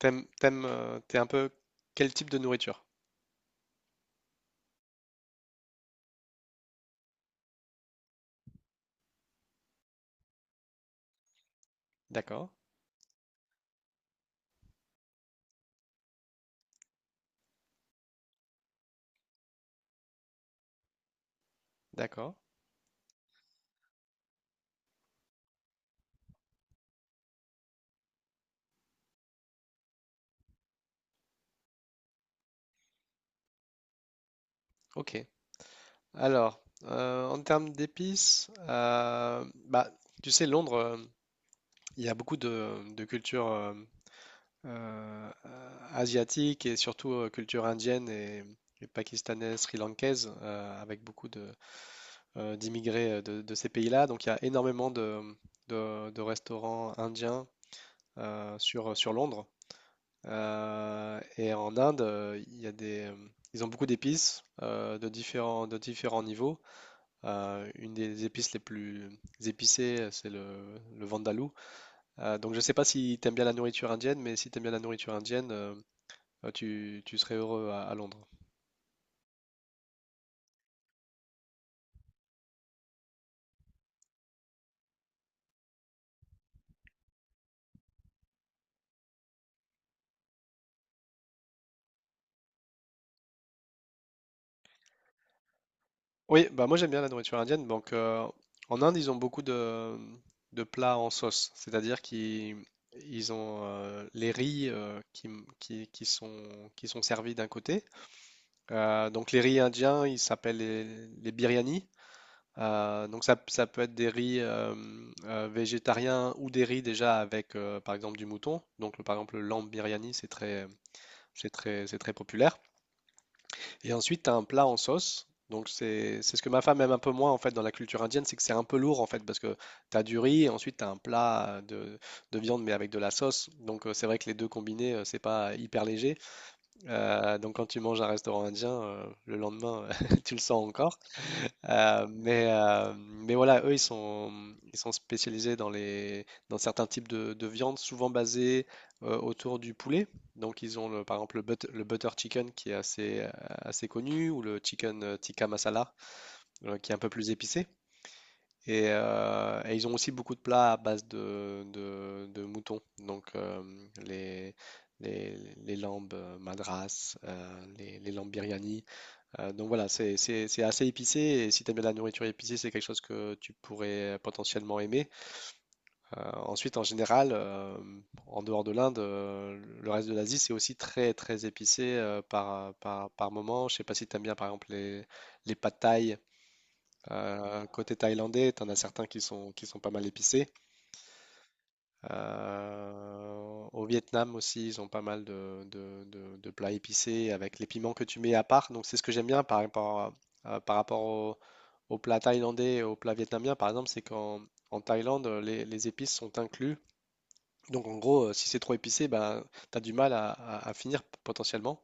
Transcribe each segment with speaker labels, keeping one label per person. Speaker 1: T'es un peu quel type de nourriture? D'accord, d'accord, ok. Alors, en termes d'épices, bah, tu sais, Londres, il y a beaucoup de culture asiatique et surtout culture indienne et pakistanaise, sri-lankaise, avec beaucoup d'immigrés euh, de ces pays-là. Donc, il y a énormément de restaurants indiens euh, sur Londres. Et en Inde, il y a des, ils ont beaucoup d'épices euh, de différents niveaux. Une des épices les plus épicées, c'est le vindaloo. Donc je ne sais pas si tu aimes bien la nourriture indienne, mais si tu aimes bien la nourriture indienne, tu serais heureux à Londres. Oui, bah moi j'aime bien la nourriture indienne. Donc en Inde, ils ont beaucoup de plats en sauce, c'est-à-dire qu'ils ils ont les riz qui sont, qui sont servis d'un côté. Donc les riz indiens, ils s'appellent les biryani. Donc ça, ça peut être des riz végétariens ou des riz déjà avec par exemple du mouton. Donc par exemple le lamb biryani, c'est très populaire. Et ensuite, tu as un plat en sauce. Donc c'est ce que ma femme aime un peu moins en fait dans la culture indienne, c'est que c'est un peu lourd en fait parce que tu as du riz et ensuite tu as un plat de viande mais avec de la sauce. Donc c'est vrai que les deux combinés, c'est pas hyper léger. Donc quand tu manges à un restaurant indien, le lendemain, tu le sens encore. Mais voilà, eux, ils sont spécialisés dans les, dans certains types de viande, souvent basés autour du poulet. Donc ils ont par exemple le butter chicken qui est assez, assez connu, ou le chicken tikka masala, qui est un peu plus épicé. Et ils ont aussi beaucoup de plats à base de moutons, donc les, les lambes madras, les lambes biryani. Donc voilà, c'est assez épicé et si tu aimes bien la nourriture épicée, c'est quelque chose que tu pourrais potentiellement aimer. Ensuite, en général, en dehors de l'Inde, le reste de l'Asie, c'est aussi très très épicé par moment. Je sais pas si tu aimes bien par exemple les pad thai côté thaïlandais, t'en as certains qui sont pas mal épicés. Au Vietnam aussi, ils ont pas mal de plats épicés avec les piments que tu mets à part. Donc c'est ce que j'aime bien par rapport, par rapport au plat thaïlandais et au plat vietnamien, par exemple, c'est qu'en en Thaïlande, les épices sont inclus. Donc en gros, si c'est trop épicé, ben, tu as du mal à finir potentiellement.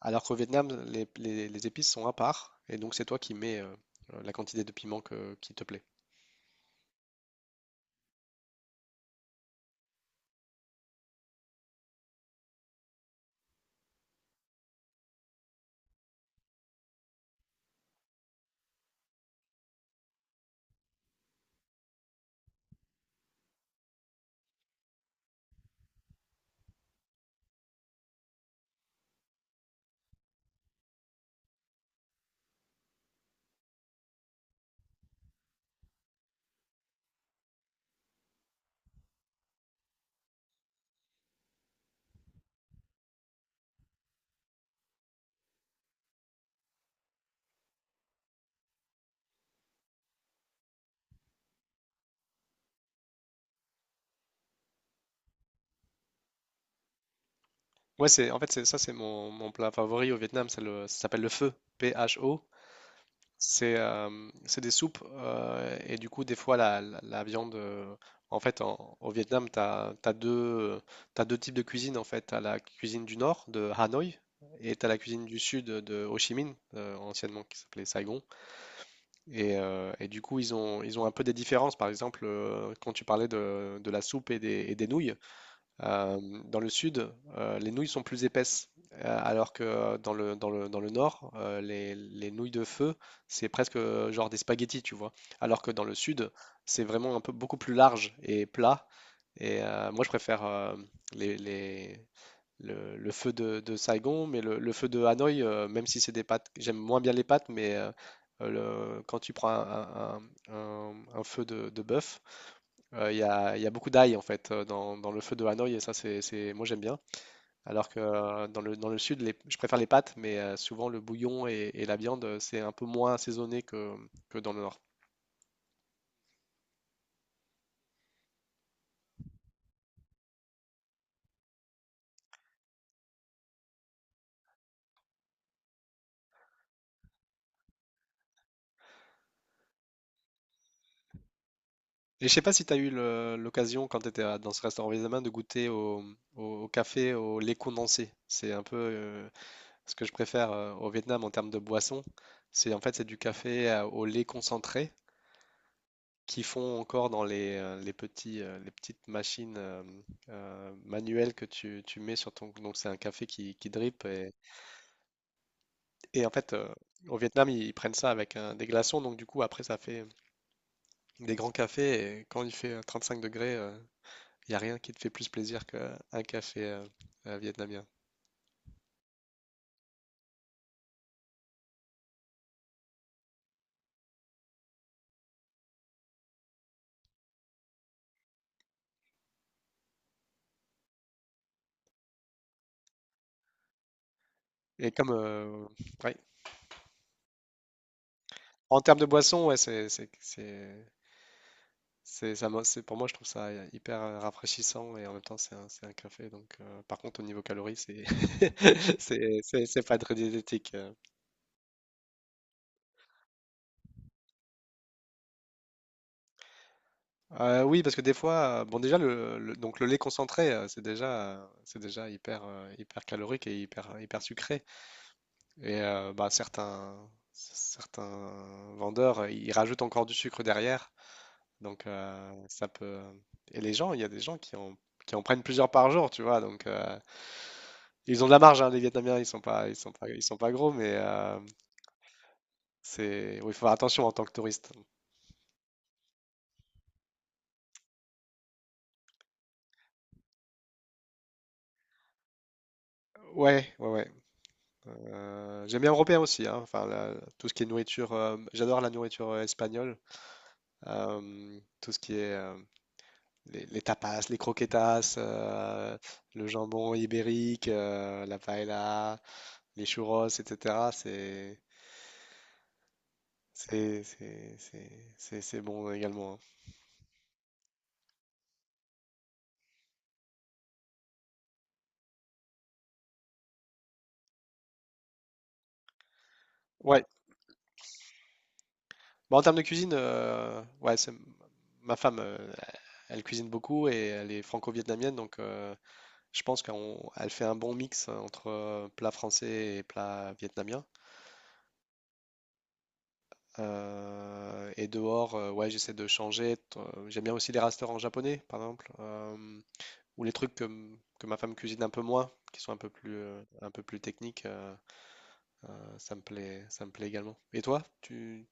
Speaker 1: Alors qu'au Vietnam, les épices sont à part. Et donc c'est toi qui mets la quantité de piment qui te plaît. Ouais, c'est en fait c'est ça, c'est mon, mon plat favori au Vietnam, c'est le ça s'appelle le pho, P-H-O. C'est euh, c'est des soupes et du coup des fois la viande en fait au Vietnam t'as deux types de cuisine en fait, t'as la cuisine du nord de Hanoï et t'as la cuisine du sud de Ho Chi Minh anciennement qui s'appelait Saigon et du coup ils ont un peu des différences par exemple quand tu parlais de la soupe et des nouilles euh, dans le sud, les nouilles sont plus épaisses, alors que dans dans le nord, les nouilles de feu, c'est presque genre des spaghettis, tu vois. Alors que dans le sud, c'est vraiment un peu beaucoup plus large et plat. Et moi, je préfère les, les- le feu de Saigon, mais le feu de Hanoï, même si c'est des pâtes, j'aime moins bien les pâtes, mais quand tu prends un feu de bœuf, il y a beaucoup d'ail en fait dans, dans le feu de Hanoï et ça moi j'aime bien. Alors que dans dans le sud je préfère les pâtes mais souvent le bouillon et la viande c'est un peu moins assaisonné que dans le nord. Et je sais pas si tu as eu l'occasion quand tu étais dans ce restaurant vietnamien de goûter au, au café au lait condensé. C'est un peu ce que je préfère au Vietnam en termes de boisson. C'est en fait c'est du café au lait concentré qui font encore dans les petits, les petites machines manuelles que tu mets sur ton... Donc c'est un café qui drip. Et en fait, au Vietnam, ils prennent ça avec des glaçons. Donc du coup, après, ça fait des grands cafés. Et quand il fait 35 degrés, il n'y a rien qui te fait plus plaisir qu'un café vietnamien. Et comme... ouais. En termes de boisson, ouais, c'est, pour moi, je trouve ça hyper rafraîchissant et en même temps, c'est un café. Donc, par contre, au niveau calories, c'est... C'est pas très diététique. Euh, oui, parce que des fois, bon déjà donc le lait concentré, c'est déjà hyper hyper calorique et hyper hyper sucré. Et bah certains vendeurs, ils rajoutent encore du sucre derrière. Donc ça peut... et les gens, il y a des gens qui en prennent plusieurs par jour, tu vois. Donc ils ont de la marge, hein, les Vietnamiens, ils sont pas gros, mais c'est oui, il faut faire attention en tant que touriste. Ouais, ouais, ouais. J'aime bien européen aussi, hein. Enfin, tout ce qui est nourriture, j'adore la nourriture espagnole. Tout ce qui est les tapas, les croquetas, le jambon ibérique, la paella, les churros, etc. C'est bon également, hein. Ouais. Bah, en termes de cuisine, ouais, c'est... ma femme, elle cuisine beaucoup et elle est franco-vietnamienne, donc je pense qu'elle fait un bon mix hein, entre plat français et plat vietnamien. Et dehors, ouais, j'essaie de changer. J'aime bien aussi les restaurants japonais, par exemple, ou les trucs que, que ma femme cuisine un peu moins, qui sont un peu plus techniques. Euh, ça me plaît également. Et toi, tu...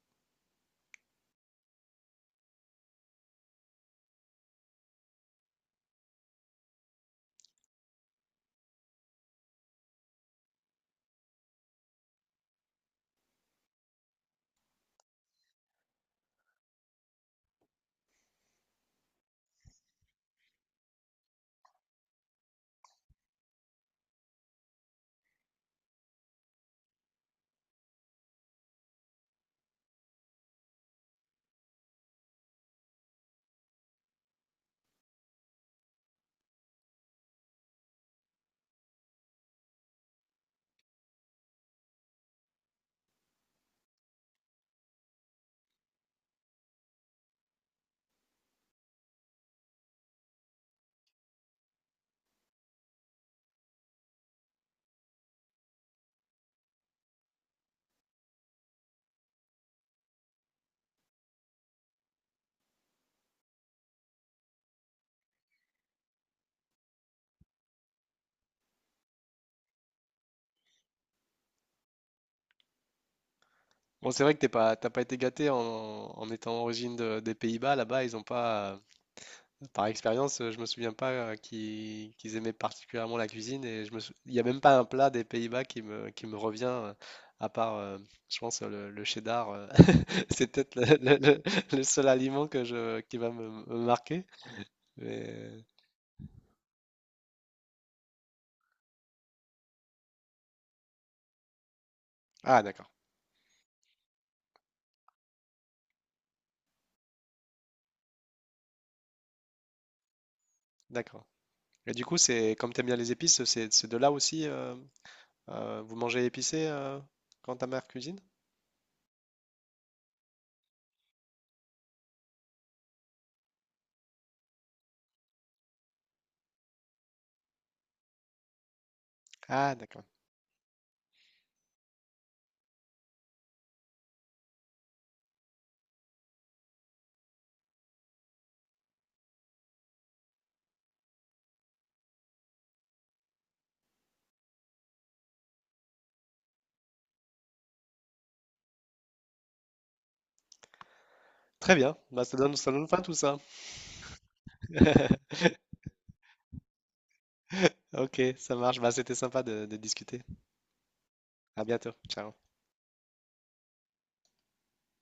Speaker 1: Bon, c'est vrai que t'as pas été gâté en, en étant origine des Pays-Bas. Là-bas, ils ont pas... Par expérience, je me souviens pas qu'ils aimaient particulièrement la cuisine et je me il n'y a même pas un plat des Pays-Bas qui me revient à part, je pense, le cheddar. Euh, c'est peut-être le seul aliment que je, qui va me, me marquer, mais... Ah, d'accord, d'accord. Et du coup, c'est comme t'aimes bien les épices, c'est de là aussi, vous mangez épicé quand ta mère cuisine? Ah, d'accord. Très bien, bah, ça donne faim tout ça. Ok, ça marche, bah, c'était sympa de discuter. À bientôt. Ciao.